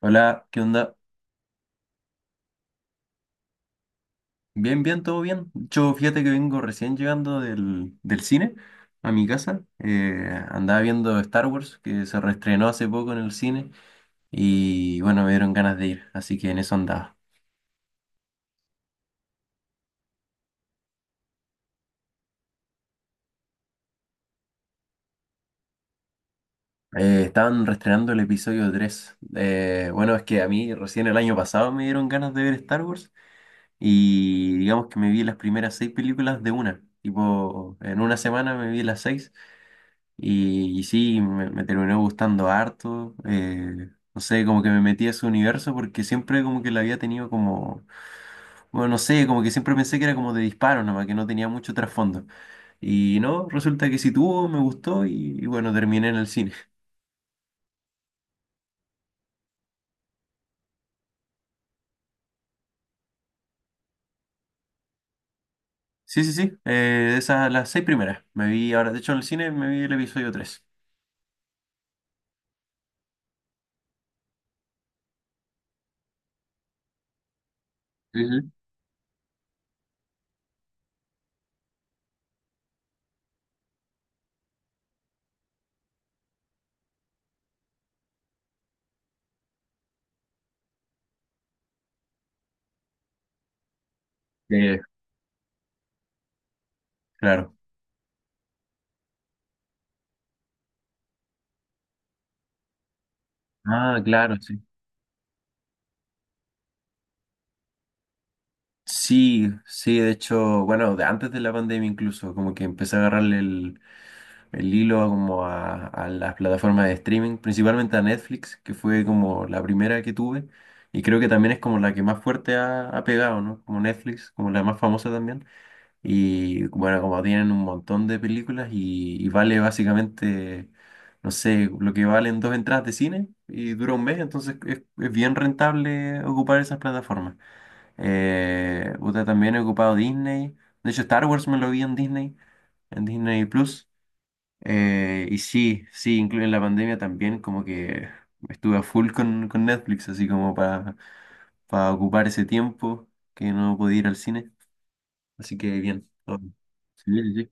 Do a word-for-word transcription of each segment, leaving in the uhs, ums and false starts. Hola, ¿qué onda? Bien, bien, todo bien. Yo fíjate que vengo recién llegando del, del cine a mi casa. Eh, andaba viendo Star Wars, que se reestrenó hace poco en el cine. Y bueno, me dieron ganas de ir, así que en eso andaba. Eh, estaban reestrenando el episodio tres. Eh, bueno, es que a mí recién el año pasado me dieron ganas de ver Star Wars. Y digamos que me vi las primeras seis películas de una. Tipo, en una semana me vi las seis. Y, y sí, me, me terminó gustando harto. Eh, no sé, como que me metí a ese universo porque siempre como que la había tenido como, bueno, no sé, como que siempre pensé que era como de disparo nomás, que no tenía mucho trasfondo. Y no, resulta que sí tuvo, me gustó y, y bueno, terminé en el cine. Sí, sí, sí, eh, esas las seis primeras. Me vi ahora, de hecho en el cine me vi el episodio tres. Claro. Ah, claro, sí. Sí, sí, de hecho, bueno, de antes de la pandemia incluso, como que empecé a agarrarle el, el hilo a como a, a las plataformas de streaming, principalmente a Netflix, que fue como la primera que tuve, y creo que también es como la que más fuerte ha, ha pegado, ¿no? Como Netflix, como la más famosa también, y bueno, como tienen un montón de películas y, y vale básicamente, no sé, lo que valen dos entradas de cine y dura un mes, entonces es, es bien rentable ocupar esas plataformas. Eh, puta, también he ocupado Disney, de hecho Star Wars me lo vi en Disney en Disney Plus. Eh, y sí, sí, incluso en la pandemia también como que estuve a full con, con Netflix, así como para, para ocupar ese tiempo que no podía ir al cine. Así que bien. Todo bien. Sí, sí.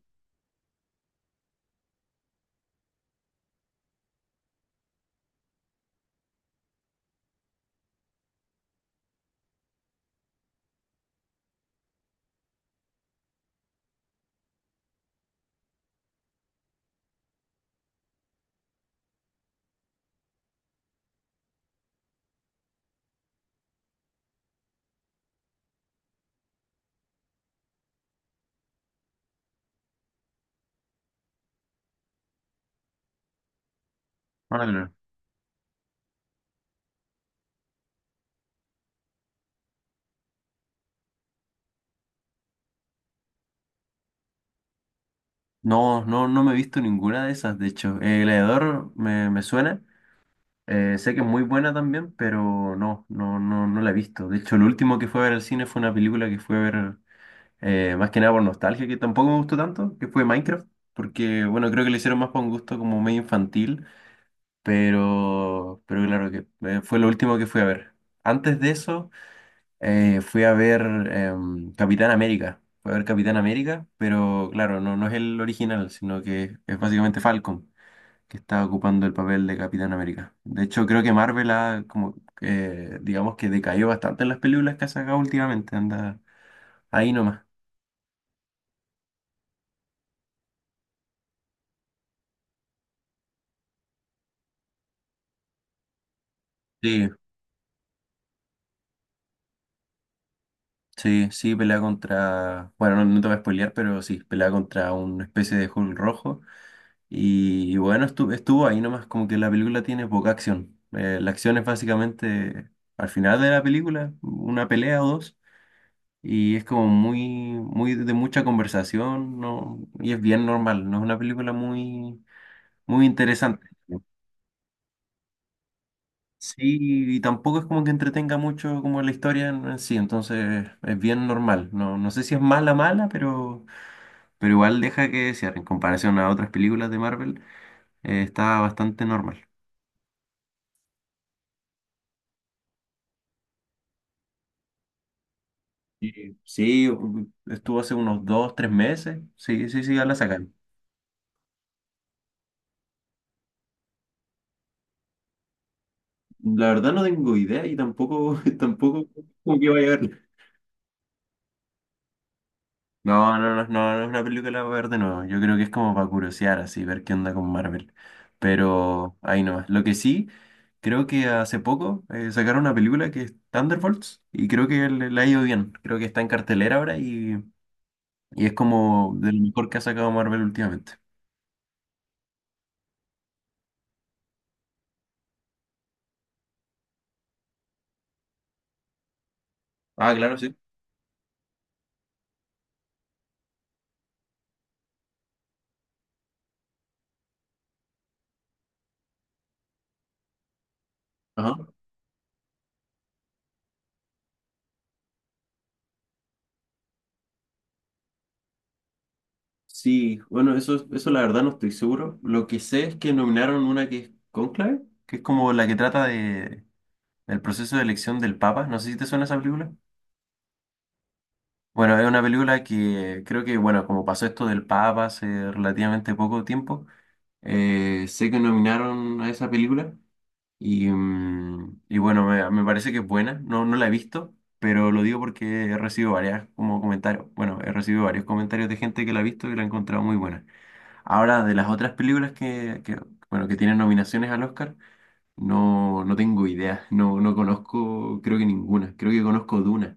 Ah, claro. No, no, no me he visto ninguna de esas, de hecho. El Gladiador me, me suena. Eh, sé que es muy buena también, pero no, no, no, no la he visto. De hecho, lo último que fue a ver al cine fue una película que fue a ver. Eh, más que nada por nostalgia, que tampoco me gustó tanto, que fue Minecraft, porque bueno, creo que lo hicieron más por un gusto como medio infantil, pero, pero claro que eh, fue lo último que fui a ver. Antes de eso, eh, fui a ver em, Capitán América. Fui a ver Capitán América, pero claro, no, no es el original, sino que es básicamente Falcon, que está ocupando el papel de Capitán América. De hecho, creo que Marvel ha como eh, digamos que decayó bastante en las películas que ha sacado últimamente, anda ahí nomás. Sí, sí, sí, pelea contra. Bueno, no, no te voy a spoilear, pero sí, pelea contra una especie de Hulk rojo. Y, bueno, estuvo, estuvo ahí nomás, como que la película tiene poca acción. Eh, la acción es básicamente al final de la película, una pelea o dos. Y es como muy, muy de mucha conversación, ¿no? Y es bien normal, no es una película muy, muy interesante. Sí, y tampoco es como que entretenga mucho como la historia en en sí, entonces es bien normal. No, no sé si es mala, mala, pero. Pero igual deja que desear, en comparación a otras películas de Marvel, eh, está bastante normal. Y sí, u- estuvo hace unos dos, tres meses. Sí, sí, sí, ya la sacaron. La verdad no tengo idea y tampoco, tampoco como que vaya a verla. No, no, no, no, no es una película para ver de nuevo. Yo creo que es como para curiosear, así, ver qué onda con Marvel. Pero ahí nomás. Lo que sí, creo que hace poco eh, sacaron una película que es Thunderbolts y creo que le, le ha ido bien. Creo que está en cartelera ahora y Y es como de lo mejor que ha sacado Marvel últimamente. Ah, claro, sí. Ajá. Sí, bueno, eso, eso la verdad no estoy seguro. Lo que sé es que nominaron una que es Conclave, que es como la que trata de el proceso de elección del Papa. No sé si te suena esa película. Bueno, es una película que creo que, bueno, como pasó esto del Papa hace relativamente poco tiempo, eh, sé que nominaron a esa película. Y, mm, y bueno, me, me parece que es buena, no, no la he visto, pero lo digo porque he recibido varias como comentarios, bueno, he recibido varios comentarios de gente que la ha visto y la ha encontrado muy buena. Ahora, de las otras películas que, que, bueno, que tienen nominaciones al Oscar, no, no tengo idea, no, no conozco, creo que ninguna, creo que conozco Duna,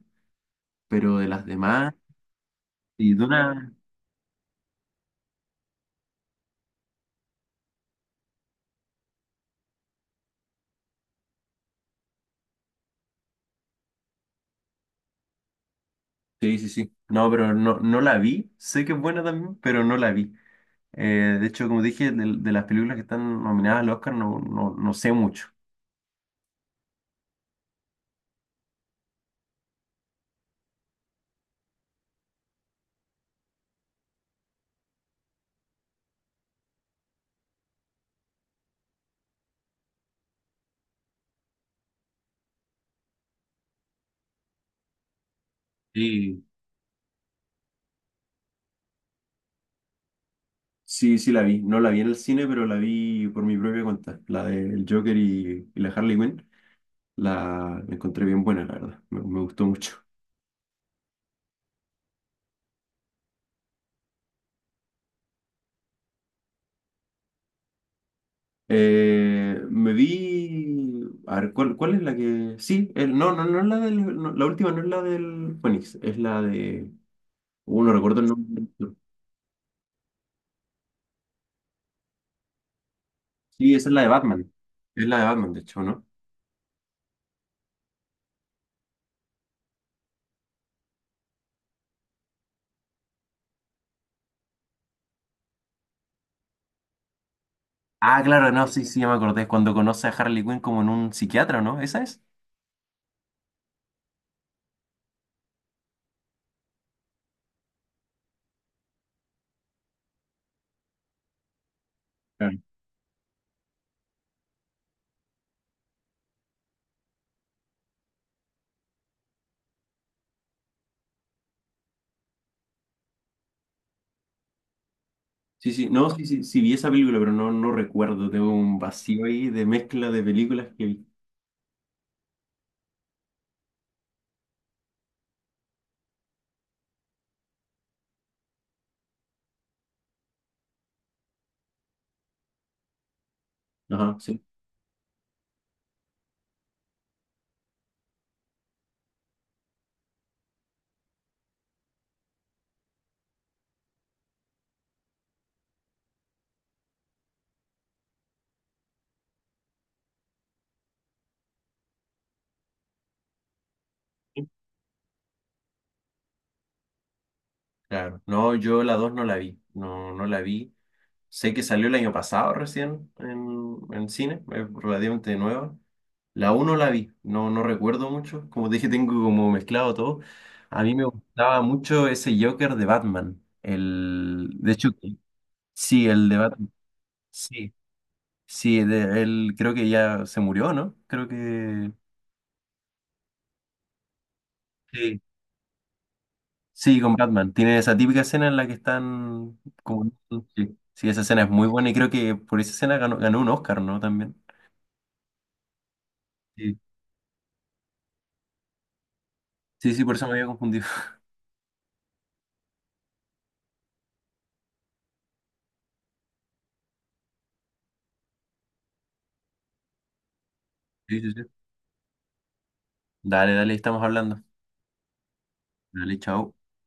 pero de las demás, y Duna, sí, sí, sí, no, pero no, no la vi, sé que es buena también, pero no la vi. Eh, de hecho, como dije, de, de las películas que están nominadas al Oscar no, no, no sé mucho. Sí, sí, sí la vi. No la vi en el cine, pero la vi por mi propia cuenta. La del Joker y, y la Harley Quinn. La encontré bien buena, la verdad. Me, me gustó mucho. Eh, me vi... A ver, ¿cuál, cuál es la que...? Sí, el- no, no, no es la del... no, la última no es la del Phoenix. Es la de... Uh, no recuerdo el nombre. Sí, esa es la de Batman. Es la de Batman, de hecho, ¿no? Ah, claro, no, sí, sí, ya me acordé. Es cuando conoce a Harley Quinn como en un psiquiatra, ¿no? ¿Esa es? Claro. Sí, sí, no, sí, sí, sí vi esa película, pero no, no recuerdo. Tengo un vacío ahí de mezcla de películas que vi. Ajá, sí. Claro. No, yo la dos no la vi. No, no la vi. Sé que salió el año pasado recién en, en cine, es relativamente nueva. La uno no la vi, no, no recuerdo mucho. Como te dije, tengo como mezclado todo. A mí me gustaba mucho ese Joker de Batman. El, de hecho, sí, el de Batman. Sí, sí, de- él creo que ya se murió, ¿no? Creo que sí. Sí, con Batman. Tiene esa típica escena en la que están como... Sí, sí, esa escena es muy buena y creo que por esa escena ganó, ganó un Oscar, ¿no? También. Sí. Sí, sí, por eso me había confundido. Sí, sí, sí. Dale, dale, estamos hablando. Dale, chao.